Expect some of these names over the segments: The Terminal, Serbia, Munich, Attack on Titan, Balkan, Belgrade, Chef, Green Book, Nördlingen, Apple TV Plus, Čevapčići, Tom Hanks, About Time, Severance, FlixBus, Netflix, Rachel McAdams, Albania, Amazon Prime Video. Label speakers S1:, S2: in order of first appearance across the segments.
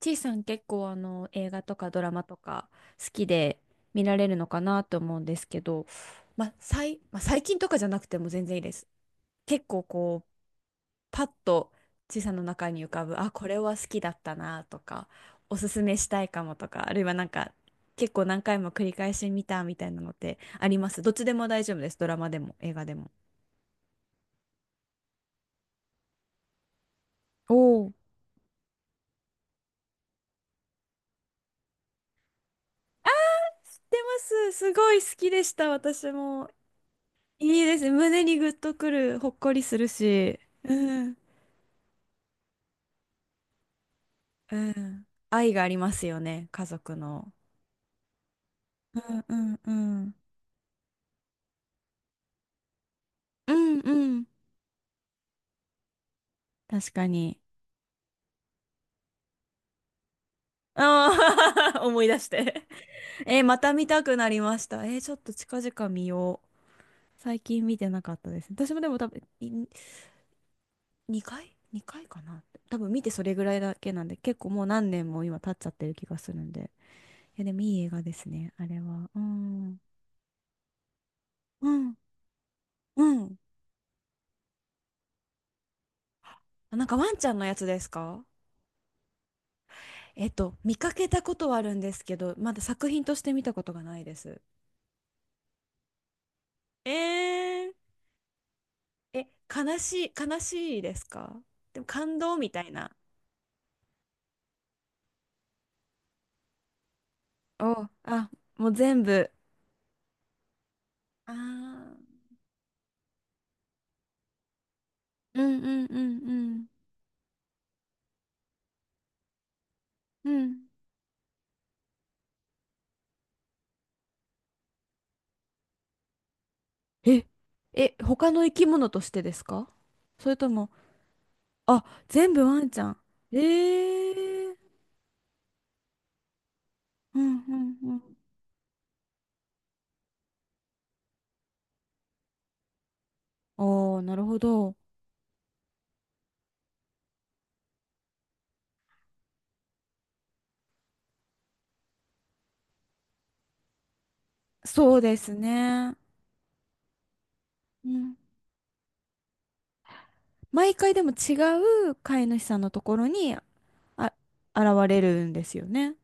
S1: ちいさん結構映画とかドラマとか好きで見られるのかなと思うんですけど、まあ最、まあ、最近とかじゃなくても全然いいです。結構こうパッとちいさんの中に浮かぶあこれは好きだったなとかおすすめしたいかもとか、あるいはなんか結構何回も繰り返し見たみたいなのってあります？どっちでも大丈夫です。ドラマでも映画でも。おお、知ってます。すごい好きでした。私も。いいですね。胸にグッとくる、ほっこりするし。うん。うん。愛がありますよね、家族の。うんうんうん。うんうん。確かに。ああ 思い出して。えー、また見たくなりました。えー、ちょっと近々見よう。最近見てなかったです。私もでも多分、2回？ 2 回かな、多分見てそれぐらいだけなんで、結構もう何年も今経っちゃってる気がするんで。いや、でもいい映画ですね、あれは。うん。うん。うん。あ、なんかワンちゃんのやつですか？見かけたことはあるんですけど、まだ作品として見たことがないです。えー、え、悲しいですか？でも感動みたいな。お、あ、もう全部。あー。うんうんうんうん。うん。え、え、他の生き物としてですか？それとも、あ、全部ワンちゃん。えー。うんうんうん。おー、なるほど。そうですね。うん。毎回でも違う飼い主さんのところに、あ、現れるんですよね。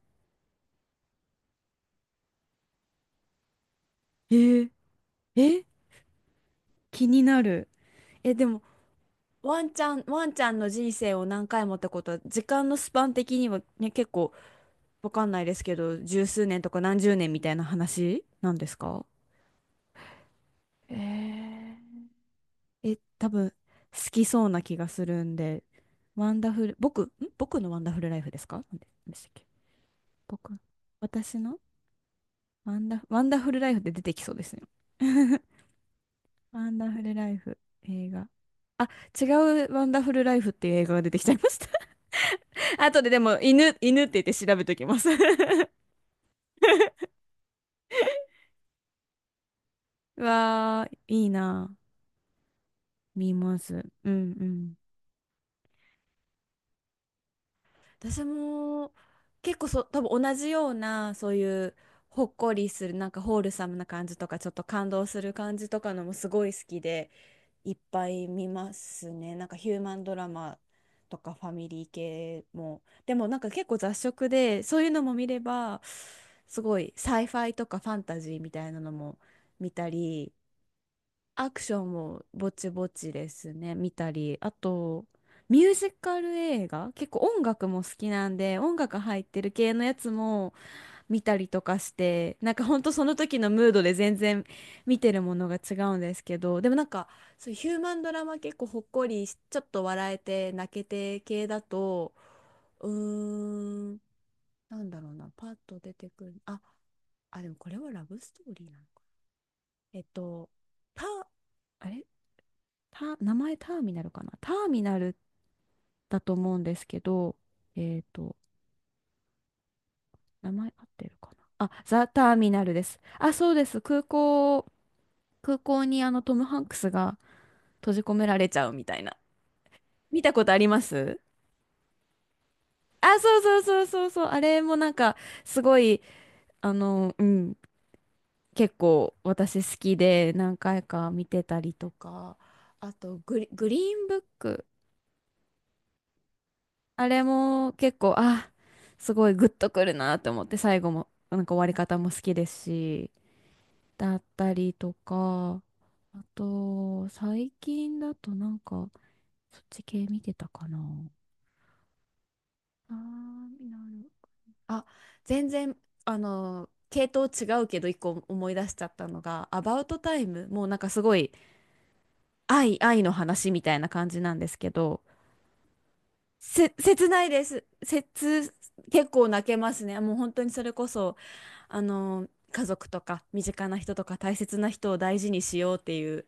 S1: えー、え、気になる。え、でも、ワンちゃんの人生を何回もってことは、時間のスパン的にはね、結構わかんないですけど、十数年とか何十年みたいな話なんですか？えー、え、多分、好きそうな気がするんで。ワンダフル、僕、ん僕のワンダフルライフですか？なんでなんでしたっけ？僕、私のワンダフルライフって出てきそうですね。ワンダフルライフ、映画。あ、違うワンダフルライフっていう映画が出てきちゃいました。後ででも、犬って言って調べときます。うわー、いいな。見ます。うんうん。私も結構そ多分同じような、そういうほっこりするなんかホールサムな感じとか、ちょっと感動する感じとかのもすごい好きでいっぱい見ますね。なんかヒューマンドラマとかファミリー系も。でもなんか結構雑食で、そういうのも見れば、すごいサイファイとかファンタジーみたいなのも見たり、アクションもぼちぼちですね、見たり、あと、ミュージカル映画、結構音楽も好きなんで、音楽入ってる系のやつも見たりとかして、なんかほんとその時のムードで全然見てるものが違うんですけど、でもなんか、そういうヒューマンドラマ、結構ほっこりし、ちょっと笑えて泣けて系だと、うーん、なんだろうな、パッと出てくる、あ、でもこれはラブストーリーなのか。えっと、パ、あれた、名前ターミナルかな、ターミナルだと思うんですけど、えっと、名前合ってるかなあ。ザ・ターミナルです。あ、そうです。空港にトム・ハンクスが閉じ込められちゃうみたいな。見たことあります？あ、そうそうそうそうそう。あれもなんか、すごい、あの、うん、結構私好きで何回か見てたりとか、あとグリ、グリーンブック。あれも結構、あ、すごいグッとくるなと思って、最後も、なんか終わり方も好きですし、だったりとか、あと、最近だとなんか、そっち系見てたかな。あー、なる。あ、全然、あの、系統違うけど、一個思い出しちゃったのが、アバウトタイム、もうなんかすごい、愛の話みたいな感じなんですけど、切ないです。切、結構泣けますね。もう本当にそれこそ、あの、家族とか身近な人とか大切な人を大事にしようっていう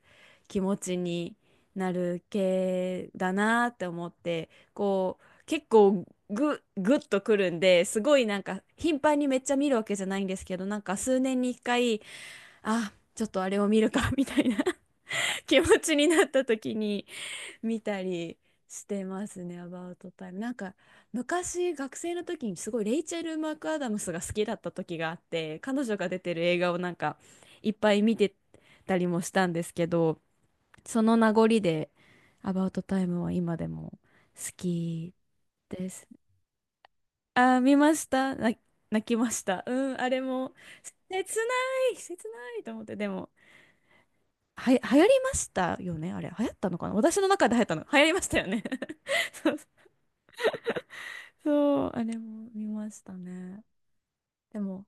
S1: 気持ちになる系だなって思って、こう、結構ぐ、ぐっとくるんで、すごいなんか頻繁にめっちゃ見るわけじゃないんですけど、なんか数年に一回、あ、ちょっとあれを見るかみたいな 気持ちになった時に、見たりしてますね、アバウトタイム。なんか昔学生の時にすごいレイチェル・マクアダムスが好きだった時があって、彼女が出てる映画をなんかいっぱい見てたりもしたんですけど、その名残でアバウトタイムは今でも好きです。あー、見ました。な、泣きました。うん、あれも切な切ないと思って、でも。は、流行りましたよね、あれ。流行ったのかな、私の中で流行ったの。流行りましたよね。そう、あれも見ましたね。でも、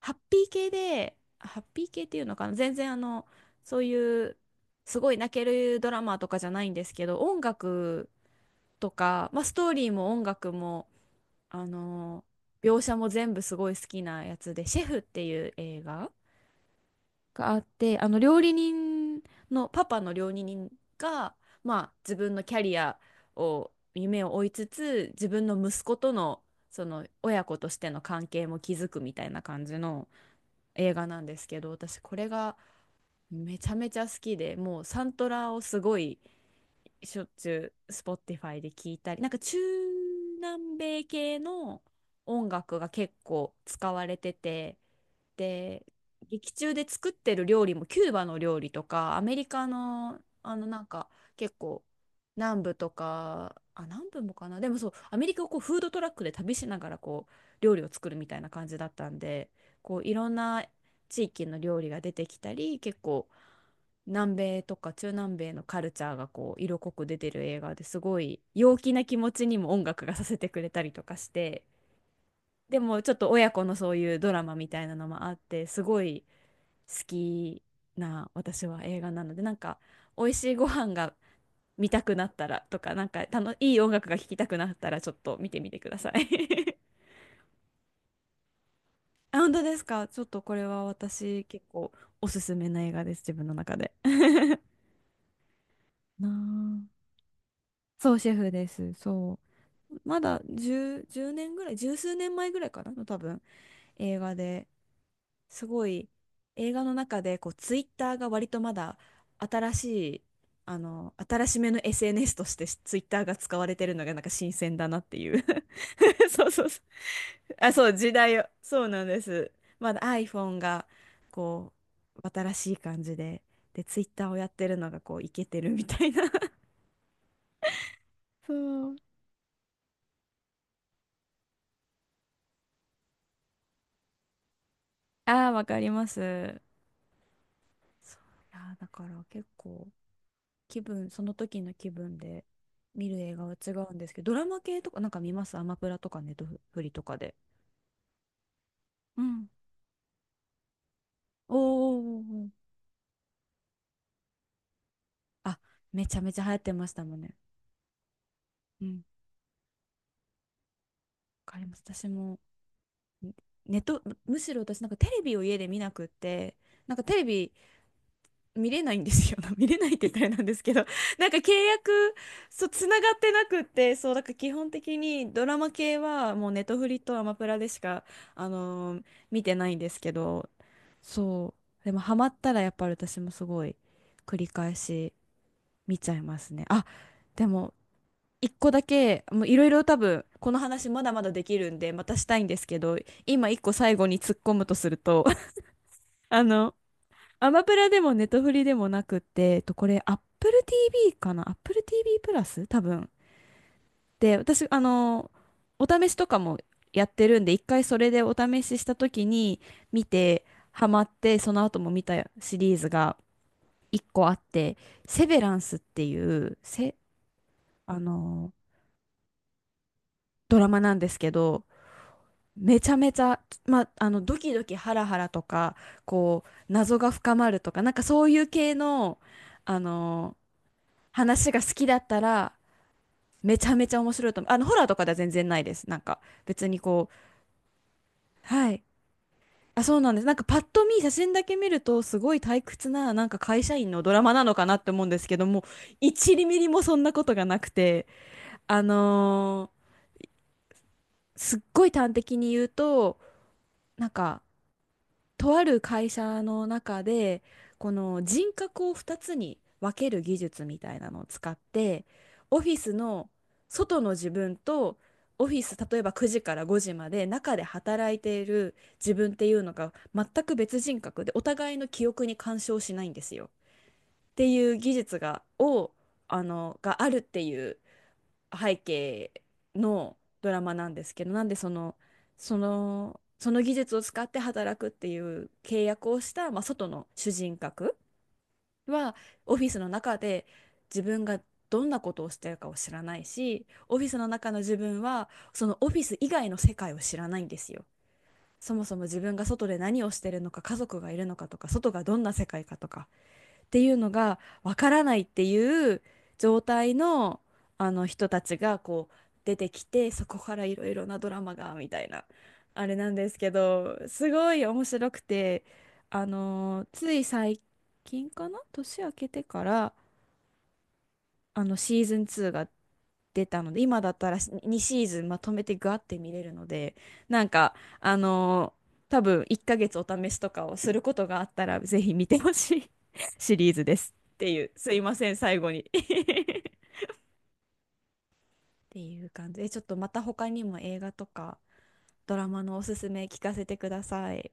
S1: ハッピー系っていうのかな、全然あの、そういう、すごい泣けるドラマとかじゃないんですけど、音楽とか、まあ、ストーリーも音楽も、あの、描写も全部すごい好きなやつで、シェフっていう映画があって、あの料理人が、まあ、自分のキャリアを、夢を追いつつ、自分の息子とのその親子としての関係も築くみたいな感じの映画なんですけど、私これがめちゃめちゃ好きで、もうサントラをすごいしょっちゅう Spotify で聞いたり、なんか中南米系の音楽が結構使われてて。で、劇中で作ってる料理もキューバの料理とか、アメリカのあのなんか結構南部とか、あ、南部もかな、でもそう、アメリカをこうフードトラックで旅しながらこう料理を作るみたいな感じだったんで、こういろんな地域の料理が出てきたり、結構南米とか中南米のカルチャーがこう色濃く出てる映画で、すごい陽気な気持ちにも音楽がさせてくれたりとかして、でもちょっと親子のそういうドラマみたいなのもあって、すごい好きな私は映画なので、なんか美味しいご飯が見たくなったらとか、なんかたのいい音楽が聴きたくなったら、ちょっと見てみてください。 あ、本当ですか？ちょっとこれは私結構おすすめな映画です、自分の中で。 なあ、そうシェフです。そう、まだ10、年ぐらい、十数年前ぐらいかなの多分映画で、すごい映画の中でこうツイッターが割とまだ新しい新しめの SNS としてツイッターが使われてるのがなんか新鮮だなっていう。 そうそうそう。あ、そう、時代を、そうなんです。まだ iPhone がこう新しい感じで、でツイッターをやってるのがこうイケてるみたいな。 そう。ああー、わかります。そう、いやー、だから結構その時の気分で見る映画は違うんですけど、ドラマ系とかなんか見ます、アマプラとかネットフリとかで。うん。おーおーおーおー。あ、めちゃめちゃ流行ってましたもんね。うん。わかります。私もネット、むむしろ私なんかテレビを家で見なくって、なんかテレビ見れないんですよ。見れないって言ったらあれなんですけど、なんか契約、そう、つながってなくって、そう、だから基本的にドラマ系はもうネトフリとアマプラでしか、あのー見てないんですけど、そう、でもハマったらやっぱり私もすごい繰り返し見ちゃいますね。あ、でも、一個だけ、もういろいろ多分、この話まだまだできるんで、またしたいんですけど、今一個最後に突っ込むとすると、あの、アマプラでもネットフリでもなくって、これ Apple TV かな、 Apple TV プラス多分。で、私、お試しとかもやってるんで、一回それでお試しした時に見て、ハマって、その後も見たシリーズが一個あって、セベランスっていう、せ、あの、ドラマなんですけど、めちゃめちゃ、ドキドキハラハラとか、こう、謎が深まるとか、なんかそういう系の、あの話が好きだったらめちゃめちゃ面白いと思う。ホラーとかでは全然ないです。なんか別にこう、はい。あ、そうなんです。なんかパッと見、写真だけ見るとすごい退屈な、なんか会社員のドラマなのかなって思うんですけども、1ミリもそんなことがなくて、あのーすっごい端的に言うと、なんかとある会社の中でこの人格を2つに分ける技術みたいなのを使って、オフィスの外の自分と、オフィス例えば9時から5時まで中で働いている自分っていうのが、全く別人格でお互いの記憶に干渉しないんですよっていう技術があるっていう背景のドラマなんですけど、なんでその技術を使って働くっていう契約をした、まあ、外の主人格は、オフィスの中で自分がどんなことをしてるかを知らないし、オフィスの中の自分はそのオフィス以外の世界を知らないんですよ。そもそも自分が外で何をしてるのか、家族がいるのかとか、外がどんな世界かとか、っていうのがわからないっていう状態の、あの人たちがこう出てきて、そこからいろいろなドラマがみたいなあれなんですけど、すごい面白くて、つい最近かな、年明けてからシーズン2が出たので、今だったら2シーズンまとめてガーって見れるので、なんか、多分1ヶ月お試しとかをすることがあったら、ぜひ見てほしい シリーズですっていう、すいません、最後に っていう感じで、ちょっとまた他にも映画とかドラマのおすすめ聞かせてください。